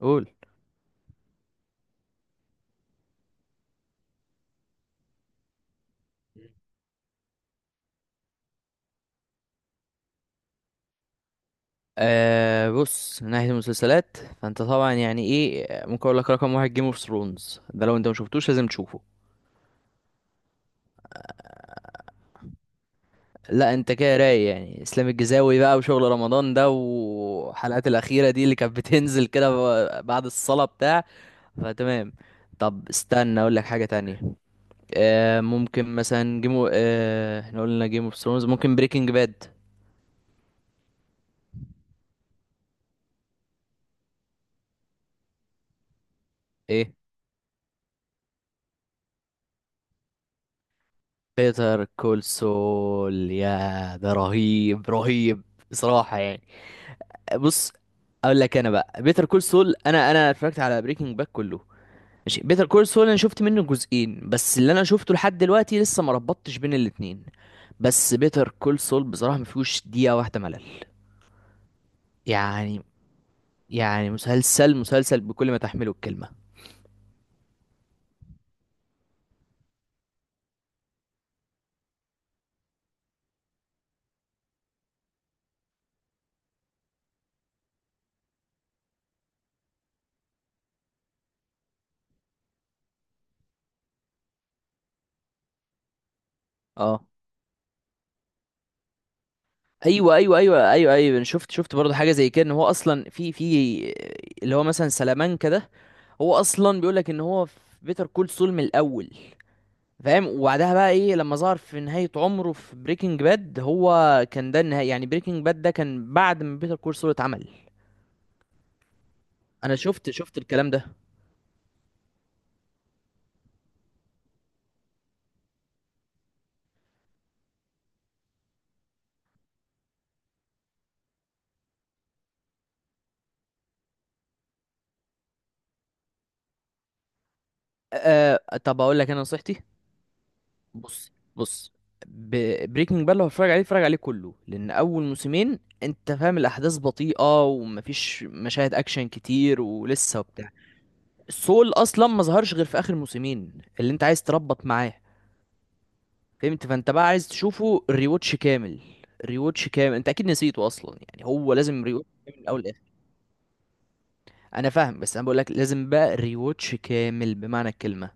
قول. آه، بص، من ناحية المسلسلات فانت طبعا يعني ايه، ممكن اقول لك رقم واحد، جيم اوف ثرونز ده لو انت ما شفتوش لازم تشوفه. لا انت كده رايق، يعني اسلام الجزاوي بقى وشغل رمضان ده والحلقات الاخيرة دي اللي كانت بتنزل كده بعد الصلاة بتاع. فتمام. طب استنى اقول لك حاجة تانية. آه ممكن مثلا جيم آه احنا قلنا جيم اوف ثرونز، ممكن بريكنج باد. ايه، بيتر كول سول، يا ده رهيب رهيب، بصراحة يعني. بص، اقول لك انا بقى، بيتر كول سول، انا اتفرجت على بريكنج باك كله، ماشي. بيتر كول سول انا شفت منه جزئين بس، اللي انا شفته لحد دلوقتي لسه ما ربطتش بين الاتنين. بس بيتر كول سول بصراحة ما فيهوش دقيقة واحدة ملل، يعني. يعني مسلسل بكل ما تحمله الكلمة. اه، ايوه انا شفت برضه حاجة زي كده، ان هو اصلا في اللي هو مثلا سلامانكا ده، هو اصلا بيقول لك ان هو في بيتر كول سول من الاول. فاهم؟ وبعدها بقى ايه، لما ظهر في نهاية عمره في بريكنج باد هو، كان ده النهاية. يعني بريكنج باد ده كان بعد ما بيتر كول سول اتعمل. انا شفت الكلام ده. أه طب اقول لك انا نصيحتي. بص، بريكنج باد لو هتفرج عليه اتفرج عليه كله، لان اول موسمين انت فاهم الاحداث بطيئة ومفيش مشاهد اكشن كتير ولسه وبتاع. سول اصلا ما ظهرش غير في اخر موسمين، اللي انت عايز تربط معاه. فهمت؟ فانت بقى عايز تشوفه ريوتش كامل. ريوتش كامل، انت اكيد نسيته اصلا، يعني هو لازم ريوتش كامل من الاول للاخر. انا فاهم، بس انا بقول لك لازم بقى ريوتش كامل بمعنى الكلمه.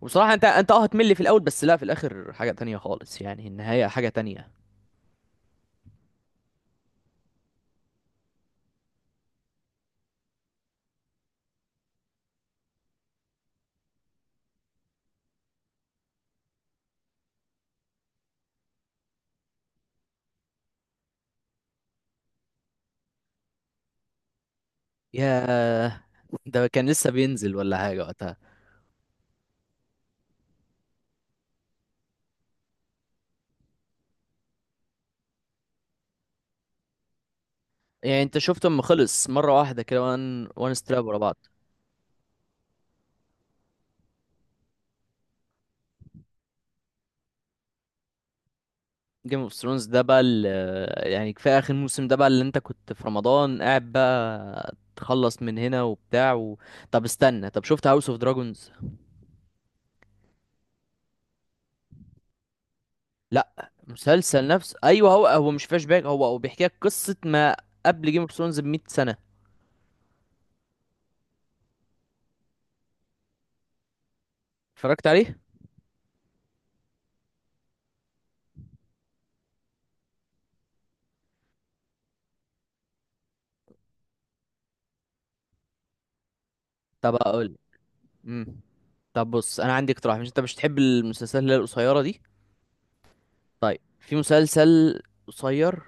وبصراحه انت اه هتمل في الاول، بس لا، في الاخر حاجه تانية خالص، يعني النهايه حاجه تانية. يا ده كان لسه بينزل ولا حاجه وقتها؟ يعني انت شفته اما خلص مره واحده كده، وان ستراب ورا بعض. جيم اوف ثرونز ده بقى يعني كفايه اخر موسم ده بقى، اللي انت كنت في رمضان قاعد بقى تخلص من هنا وبتاع و... طب استنى، طب شفت هاوس اوف دراجونز؟ لا مسلسل نفسه، ايوه، هو مش فلاش باك، هو بيحكي لك قصه ما قبل جيم اوف ثرونز ب 100 سنه. اتفرجت عليه؟ طب اقول. امم طب بص، انا عندي اقتراح، مش انت مش تحب المسلسلات اللي هي القصيره دي؟ طيب في مسلسل قصير،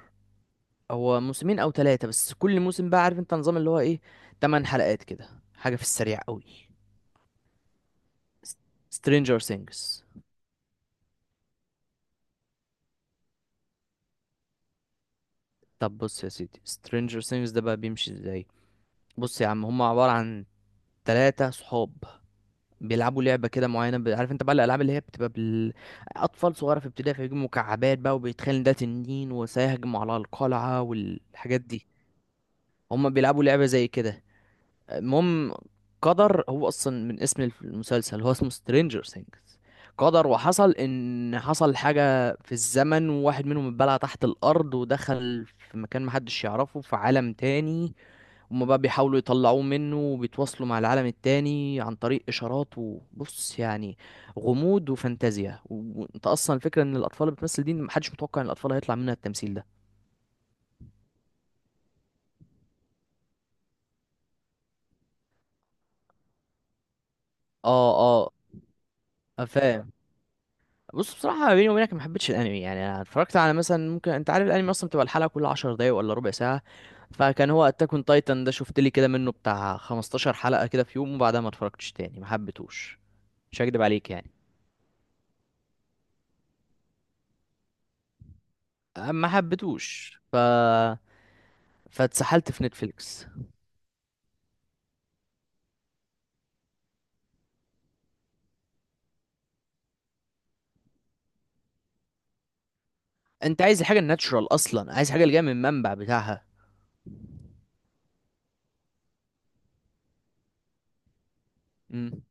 هو موسمين او ثلاثة بس، كل موسم بقى، عارف انت نظام اللي هو ايه، تمن حلقات كده، حاجة في السريع قوي. Stranger Things. طب بص يا سيدي، Stranger Things ده بقى بيمشي ازاي؟ بص يا عم، هم عبارة عن ثلاثة صحاب بيلعبوا لعبة كده معينة عارف انت بقى الألعاب اللي هي بتبقى بال... أطفال صغيرة في ابتدائي، فيجيبوا مكعبات بقى وبيتخيل إن ده تنين وسيهجم على القلعة والحاجات دي. هم بيلعبوا لعبة زي كده. المهم، قدر هو اصلا من اسم المسلسل هو اسمه سترينجر ثينجز، قدر وحصل ان حصل حاجة في الزمن، وواحد منهم اتبلع تحت الارض ودخل في مكان محدش يعرفه في عالم تاني. هما بقى بيحاولوا يطلعوه منه وبيتواصلوا مع العالم التاني عن طريق اشارات. وبص يعني غموض وفانتازيا وانت اصلا الفكرة ان الاطفال اللي بتمثل دي محدش متوقع ان الاطفال هيطلع منها التمثيل ده. اه اه فاهم. بص بصراحة ما بيني وبينك ما حبيتش الانمي، يعني انا اتفرجت على مثلا، ممكن انت عارف الانمي اصلا بتبقى الحلقة كل 10 دقايق ولا ربع ساعة. فكان هو اتاك اون تايتان ده شفت لي كده منه بتاع 15 حلقة كده في يوم، وبعدها ما اتفرجتش تاني، ما حبيتهوش. مش هكدب عليك يعني. أه، ما حبيتهوش، ف فاتسحلت في نتفليكس. انت عايز الحاجة الناتشرال، اصلا عايز حاجة اللي جاية من المنبع بتاعها. امم.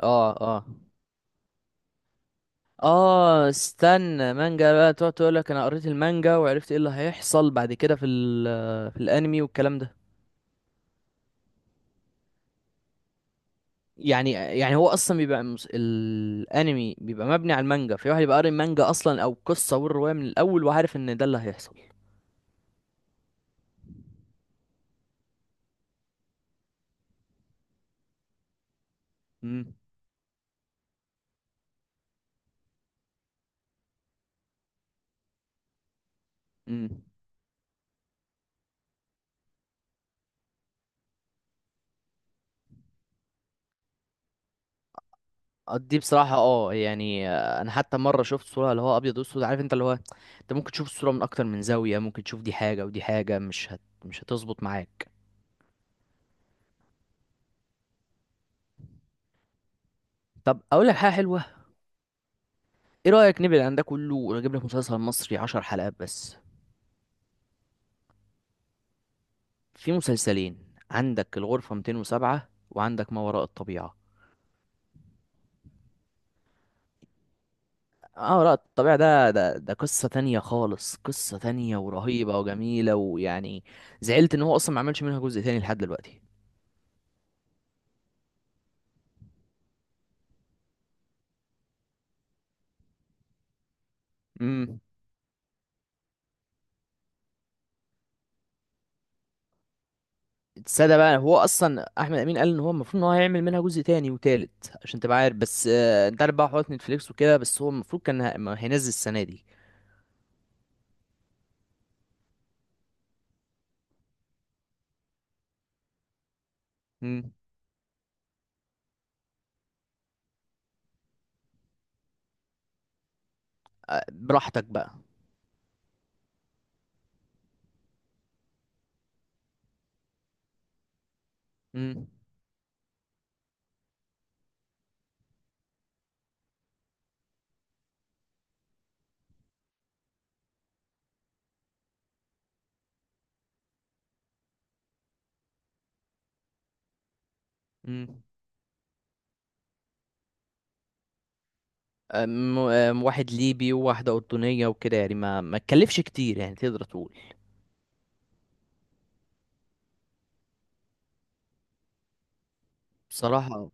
اه اه اه استنى، مانجا بقى تقعد تقول لك انا قريت المانجا وعرفت ايه اللي هيحصل بعد كده في ال في الانمي والكلام ده. يعني يعني هو اصلا بيبقى الانمي بيبقى مبني على المانجا، في واحد يبقى قاري المانجا اصلا او القصه والروايه من الاول، وعارف ان ده اللي هيحصل. امم. امم. دي بصراحه اه يعني، انا حتى مره شفت صوره اللي هو ابيض واسود، عارف انت اللي هو انت ممكن تشوف الصوره من اكتر من زاويه، ممكن تشوف دي حاجه ودي حاجه، مش هتظبط معاك. طب اقول لك حاجه حلوه. ايه رايك نبعد عن ده كله ونجيب لك مسلسل مصري 10 حلقات بس؟ في مسلسلين، عندك الغرفه 207، وعندك ما وراء الطبيعه. اه لا، الطبيعة ده ده قصة تانية خالص، قصة تانية ورهيبة وجميلة ويعني زعلت ان هو اصلا ما عملش منها جزء تاني لحد دلوقتي. امم. السادة بقى، هو اصلا احمد امين قال ان هو المفروض ان هو هيعمل منها جزء تاني وتالت عشان تبقى عارف، بس انت عارف بقى حوارات نتفليكس وكده، بس هو المفروض كان ما هينزل السنة دي. امم. آه، براحتك بقى. امم. امم. آم، آم، واحد ليبي وواحدة أردنية وكده، يعني ما تكلفش كتير يعني، تقدر تقول. بصراحة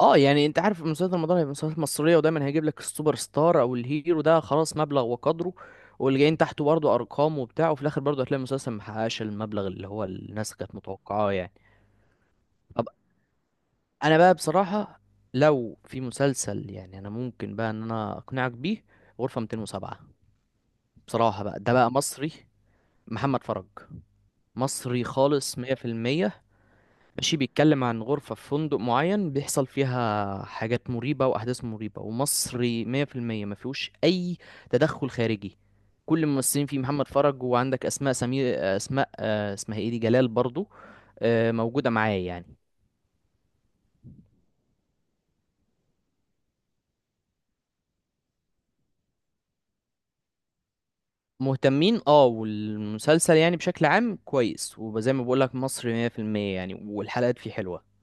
اه، يعني انت عارف مسلسلات رمضان هي مسلسلات مصريه، ودايما هيجيب لك السوبر ستار او الهيرو ده خلاص مبلغ وقدره، واللي جايين تحته برضه ارقام وبتاع، وفي الاخر برضه هتلاقي المسلسل محققش المبلغ اللي هو الناس كانت متوقعاه يعني. طب انا بقى بصراحه، لو في مسلسل يعني انا ممكن بقى ان انا اقنعك بيه، غرفه 207. بصراحه بقى ده بقى مصري. محمد فرج. مصري خالص 100%. ماشي، بيتكلم عن غرفة في فندق معين بيحصل فيها حاجات مريبة وأحداث مريبة، ومصري 100%، ما فيهوش أي تدخل خارجي. كل الممثلين فيه محمد فرج، وعندك أسماء سمير، أسماء اسمها إيه دي، جلال برضو، آه، موجودة معايا يعني. مهتمين اه، والمسلسل يعني بشكل عام كويس، وزي ما بقولك مصري 100% يعني، والحلقات فيه حلوة.